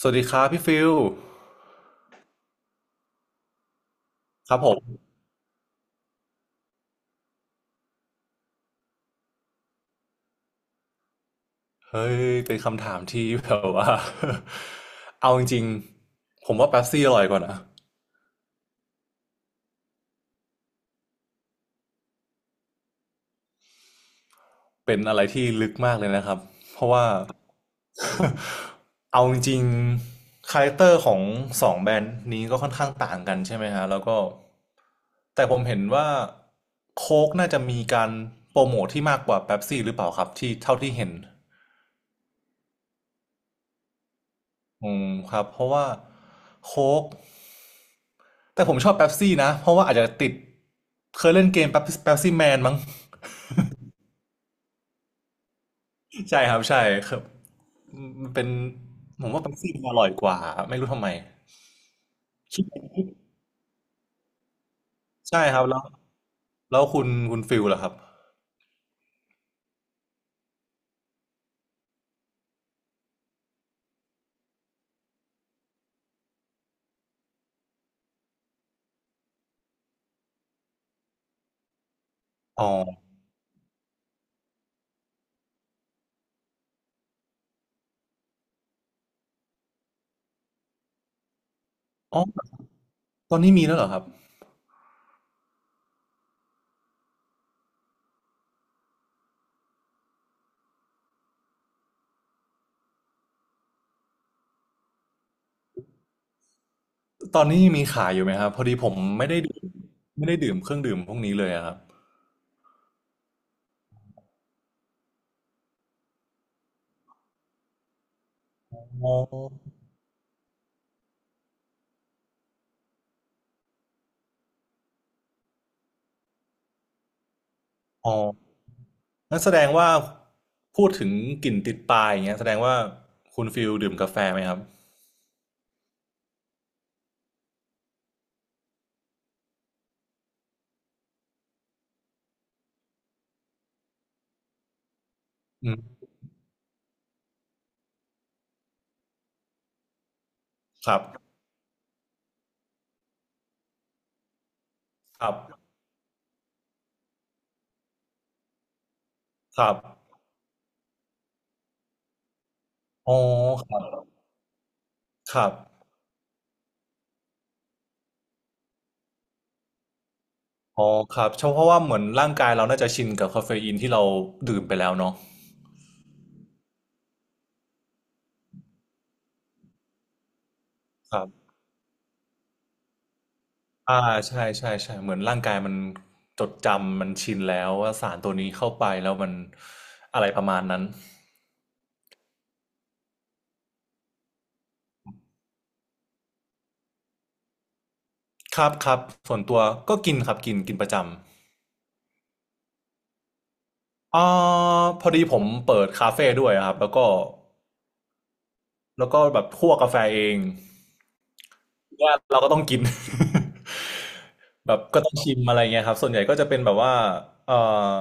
สวัสดีครับพี่ฟิลครับผมเฮ้ยเป็นคำถามที่แบบว่า เอาจริงๆผมว่าเป๊ปซี่อร่อยกว่านะเป็นอะไรที่ลึกมากเลยนะครับเพราะว่า เอาจริงๆคาแรคเตอร์ของสองแบรนด์นี้ก็ค่อนข้างต่างกันใช่ไหมฮะแล้วก็แต่ผมเห็นว่าโค้กน่าจะมีการโปรโมทที่มากกว่าเป๊ปซี่หรือเปล่าครับที่เท่าที่เห็นอืมครับเพราะว่าโค้ก แต่ผมชอบเป๊ปซี่นะเพราะว่าอาจจะติดเคยเล่นเกมเป๊ปซี่แมนมั้งใช่ครับใช่ครับมันเป็นผมว่าเป๊ปซี่มันอร่อยกว่าไม่รู้ทำไมใช่ครับแล้วแล้วคุณฟิลล่ะครับอ๋ออ๋อตอนนี้มีแล้วเหรอครับตอนนี้มีขายอยู่ไหมครับพอดีผมไม่ได้ดื่มไม่ได้ดื่มเครื่องดื่มพวกนี้เลยอะครับอ๋ออ๋อนั่นแสดงว่าพูดถึงกลิ่นติดปลายอย่างเงี้ยแสดงว่าคุณฟิลดื่มกาแฟไหมครับอืมครับครับครับ อ๋อครับครับอ๋อครับเพราะว่าเหมือนร่างกายเราน่าจะชินกับคาเฟอีนที่เราดื่มไปแล้วเนาะครับอ่าใช่ใช่ใช่เหมือนร่างกายมันจดจำมันชินแล้วว่าสารตัวนี้เข้าไปแล้วมันอะไรประมาณนั้นครับครับส่วนตัวก็กินครับกินกินประจำอ่าพอดีผมเปิดคาเฟ่ด้วยครับแล้วก็แล้วก็แบบคั่วกาแฟเอง เนี่ยเราก็ต้องกิน แบบก็ต้องชิมอะไรเงี้ยครับส่วนใหญ่ก็จะเป็นแบบว่าเอ่อ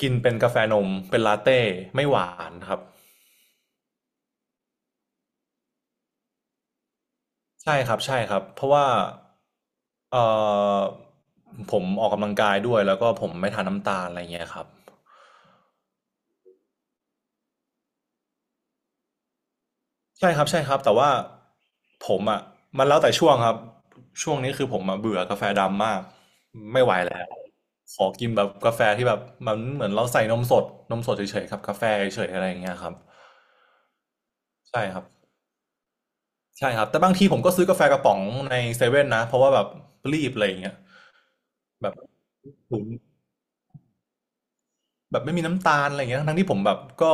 กินเป็นกาแฟนมเป็นลาเต้ไม่หวานครับใช่ครับใช่ครับเพราะว่าเออผมออกกำลังกายด้วยแล้วก็ผมไม่ทานน้ำตาลอะไรเงี้ยครับใช่ครับใช่ครับแต่ว่าผมอ่ะมันแล้วแต่ช่วงครับช่วงนี้คือผมอ่ะเบื่อกาแฟดำมากไม่ไหวแล้วขอกินแบบกาแฟที่แบบมันเหมือนเราใส่นมสดนมสดเฉยๆครับกาแฟเฉยๆอะไรอย่างเงี้ยครับใช่ครับ ใช่ครับแต่บางทีผมก็ซื้อกาแฟกระป๋องในเซเว่นนะเพราะว่าแบบรีบอะไรอย่างเงี้ยแบบถุงแบบไม่มีน้ำตาลอะไรอย่างเงี้ยทั้งที่ผมแบบก็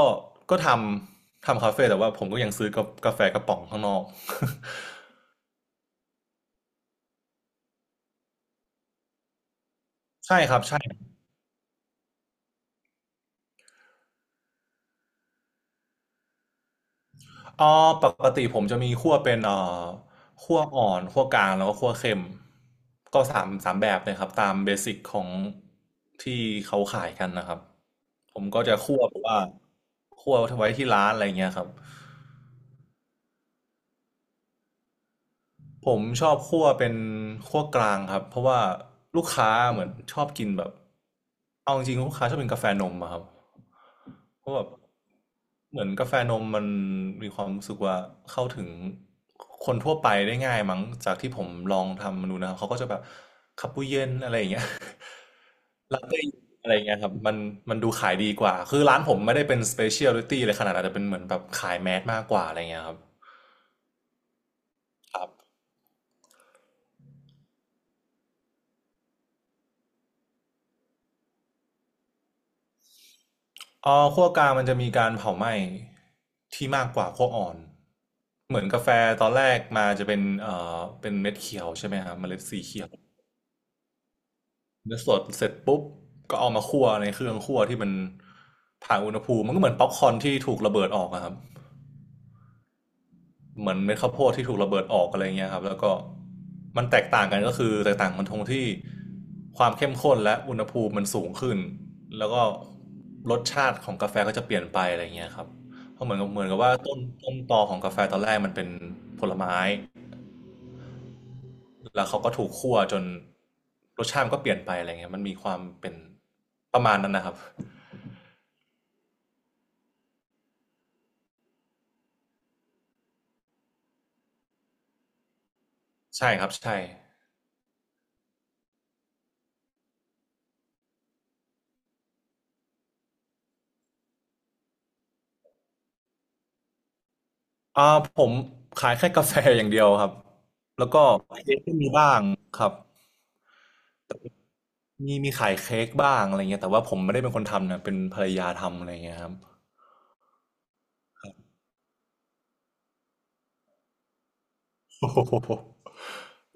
ก็ทำคาเฟ่แต่ว่าผมก็ยังซื้อกากาแฟกระป๋องข้างนอก ใช่ครับใช่อ๋อปกติผมจะมีคั่วเป็นคั่วอ่อนคั่วกลางแล้วก็คั่วเค็มก็สามสามแบบเลยครับตามเบสิกของที่เขาขายกันนะครับผมก็จะคั่วแบบว่าคั่วไว้ที่ร้านอะไรยเงี้ยครับ ผมชอบคั่วเป็นคั่วกลางครับเพราะว่าลูกค้าเหมือนชอบกินแบบเอาจริงๆลูกค้าชอบกินกาแฟนมอะครับเพราะแบบเหมือนกาแฟนมมันมีความรู้สึกว่าเข้าถึงคนทั่วไปได้ง่ายมั้งจากที่ผมลองทำมาดูนะครับเขาก็จะแบบคาปูเย็นอะไรอย่างเงี้ยลาเต้อะไรอย่างเงี้ยครับมันดูขายดีกว่าคือร้านผมไม่ได้เป็นสเปเชียลิตี้เลยขนาดนั้นแต่เป็นเหมือนแบบขายแมสมากกว่าอะไรเงี้ยครับครับ อ๋อคั่วกลางมันจะมีการเผาไหม้ที่มากกว่าคั่วอ่อนเหมือนกาแฟตอนแรกมาจะเป็นเป็นเม็ดเขียวใช่ไหมครับเมล็ดสีเขียวเนื้อสดเสร็จปุ๊บก็เอามาคั่วในเครื่องคั่วที่มันผ่านอุณหภูมิมันก็เหมือนป๊อปคอร์นที่ถูกระเบิดออกอะครับ เหมือนเม็ดข้าวโพดที่ถูกระเบิดออกอะไรเงี้ยครับแล้วก็มันแตกต่างกันก็คือแตกต่างมันตรงที่ความเข้มข้นและอุณหภูมิมันสูงขึ้นแล้วก็รสชาติของกาแฟก็จะเปลี่ยนไปอะไรเงี้ยครับเพราะเหมือนกับว่าต้นตอของกาแฟตอนแรกมันเป็นผลไม้แล้วเขาก็ถูกคั่วจนรสชาติมันก็เปลี่ยนไปอะไรเงี้ยมันมีความเป็นประมาณนั้นนะครับใช่ครับใช่อ่าผมขายแค่กาแฟอย่างเดียวครับแล้วก็เค้กก็มีบ้างครับ มีขายเค้กบ้างอะไรเงี้ยแต่ว่าผมไม่ได้เป็นคนทำนะเป็นภรรยาทำอะไรเงี้ยครับ โอ้โห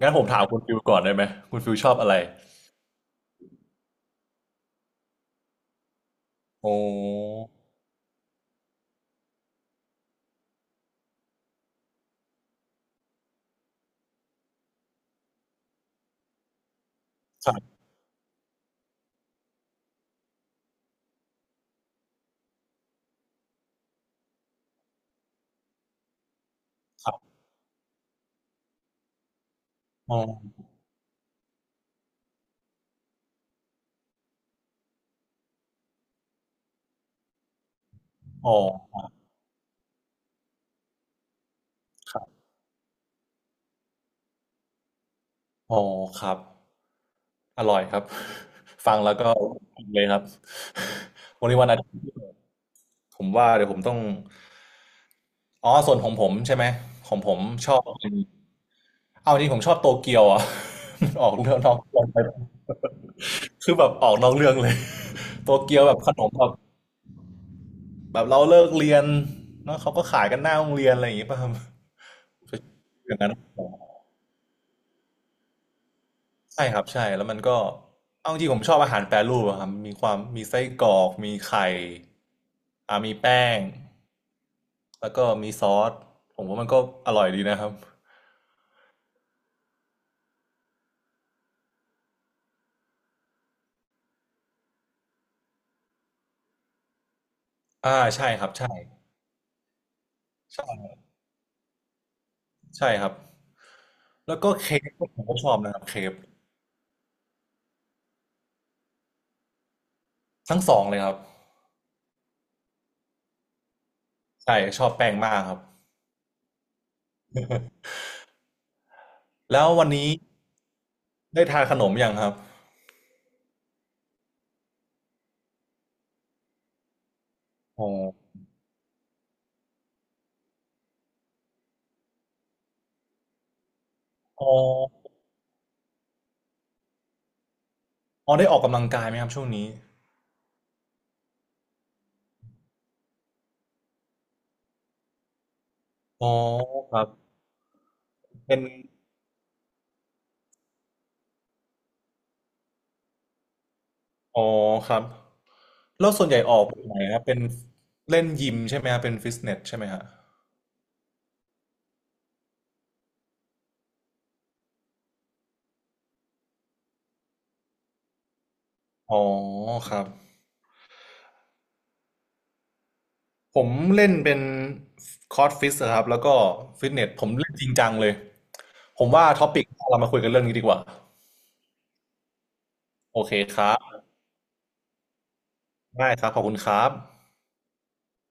งั้นผมถามคุณฟิวก่อนได้ไหมคุณฟิวชอบอะไรโอ้ครับครับอ๋ออ๋อครับอ๋อครับอร่อยครับ ฟังแล้วก็อิมเลยครับ วันนี้วันอาทิตย์ผมว่าเดี๋ยวผมต้องอ๋อส่วนของผมใช่ไหมของผมชอบเอาจริงผมชอบโตเกียวอ่ะ มันออกเรื่องนอกเรื่องไปคือแบบออกนอกเรื่องเลย โตเกียวแบบขนมแบบ แบบเราเลิกเรียนเนาะเขาก็ขายกันหน้าโรงเรียนอะไรอย่างงี้ป่ะครับอย่างนั้นใช่ครับใช่แล้วมันก็เอาจริงผมชอบอาหารแปรรูปอะครับมีความมีไส้กรอกมีไข่มีแป้งแล้วก็มีซอสผมว่ามันก็อร่อยดีนะครับอ่าใช่ครับใช่ใช่ใช่ครับแล้วก็เค้กผมก็ชอบนะครับเค้กทั้งสองเลยครับใช่ชอบแป้งมากครับ แล้ววันนี้ได้ทานขนมยังครับอ๋ออ๋ออ๋อได้ออกกำลังกายไหมครับช่วงนี้ อ๋อครับเป็นอ๋อครับแล้วส่วนใหญ่ออกแบบไหนครับเป็นเล่นยิมใช่ไหมครับเป็นฟิตเนสใช่ไหมฮะอ๋อครับผมเล่นเป็นคอร์สฟิตครับแล้วก็ฟิตเนสผมเล่นจริงจังเลยผมว่าท็อปิกเรามาคุยกันเรื่องนี้ดีกว่าโอเคครับได้ครับขอบคุณครับ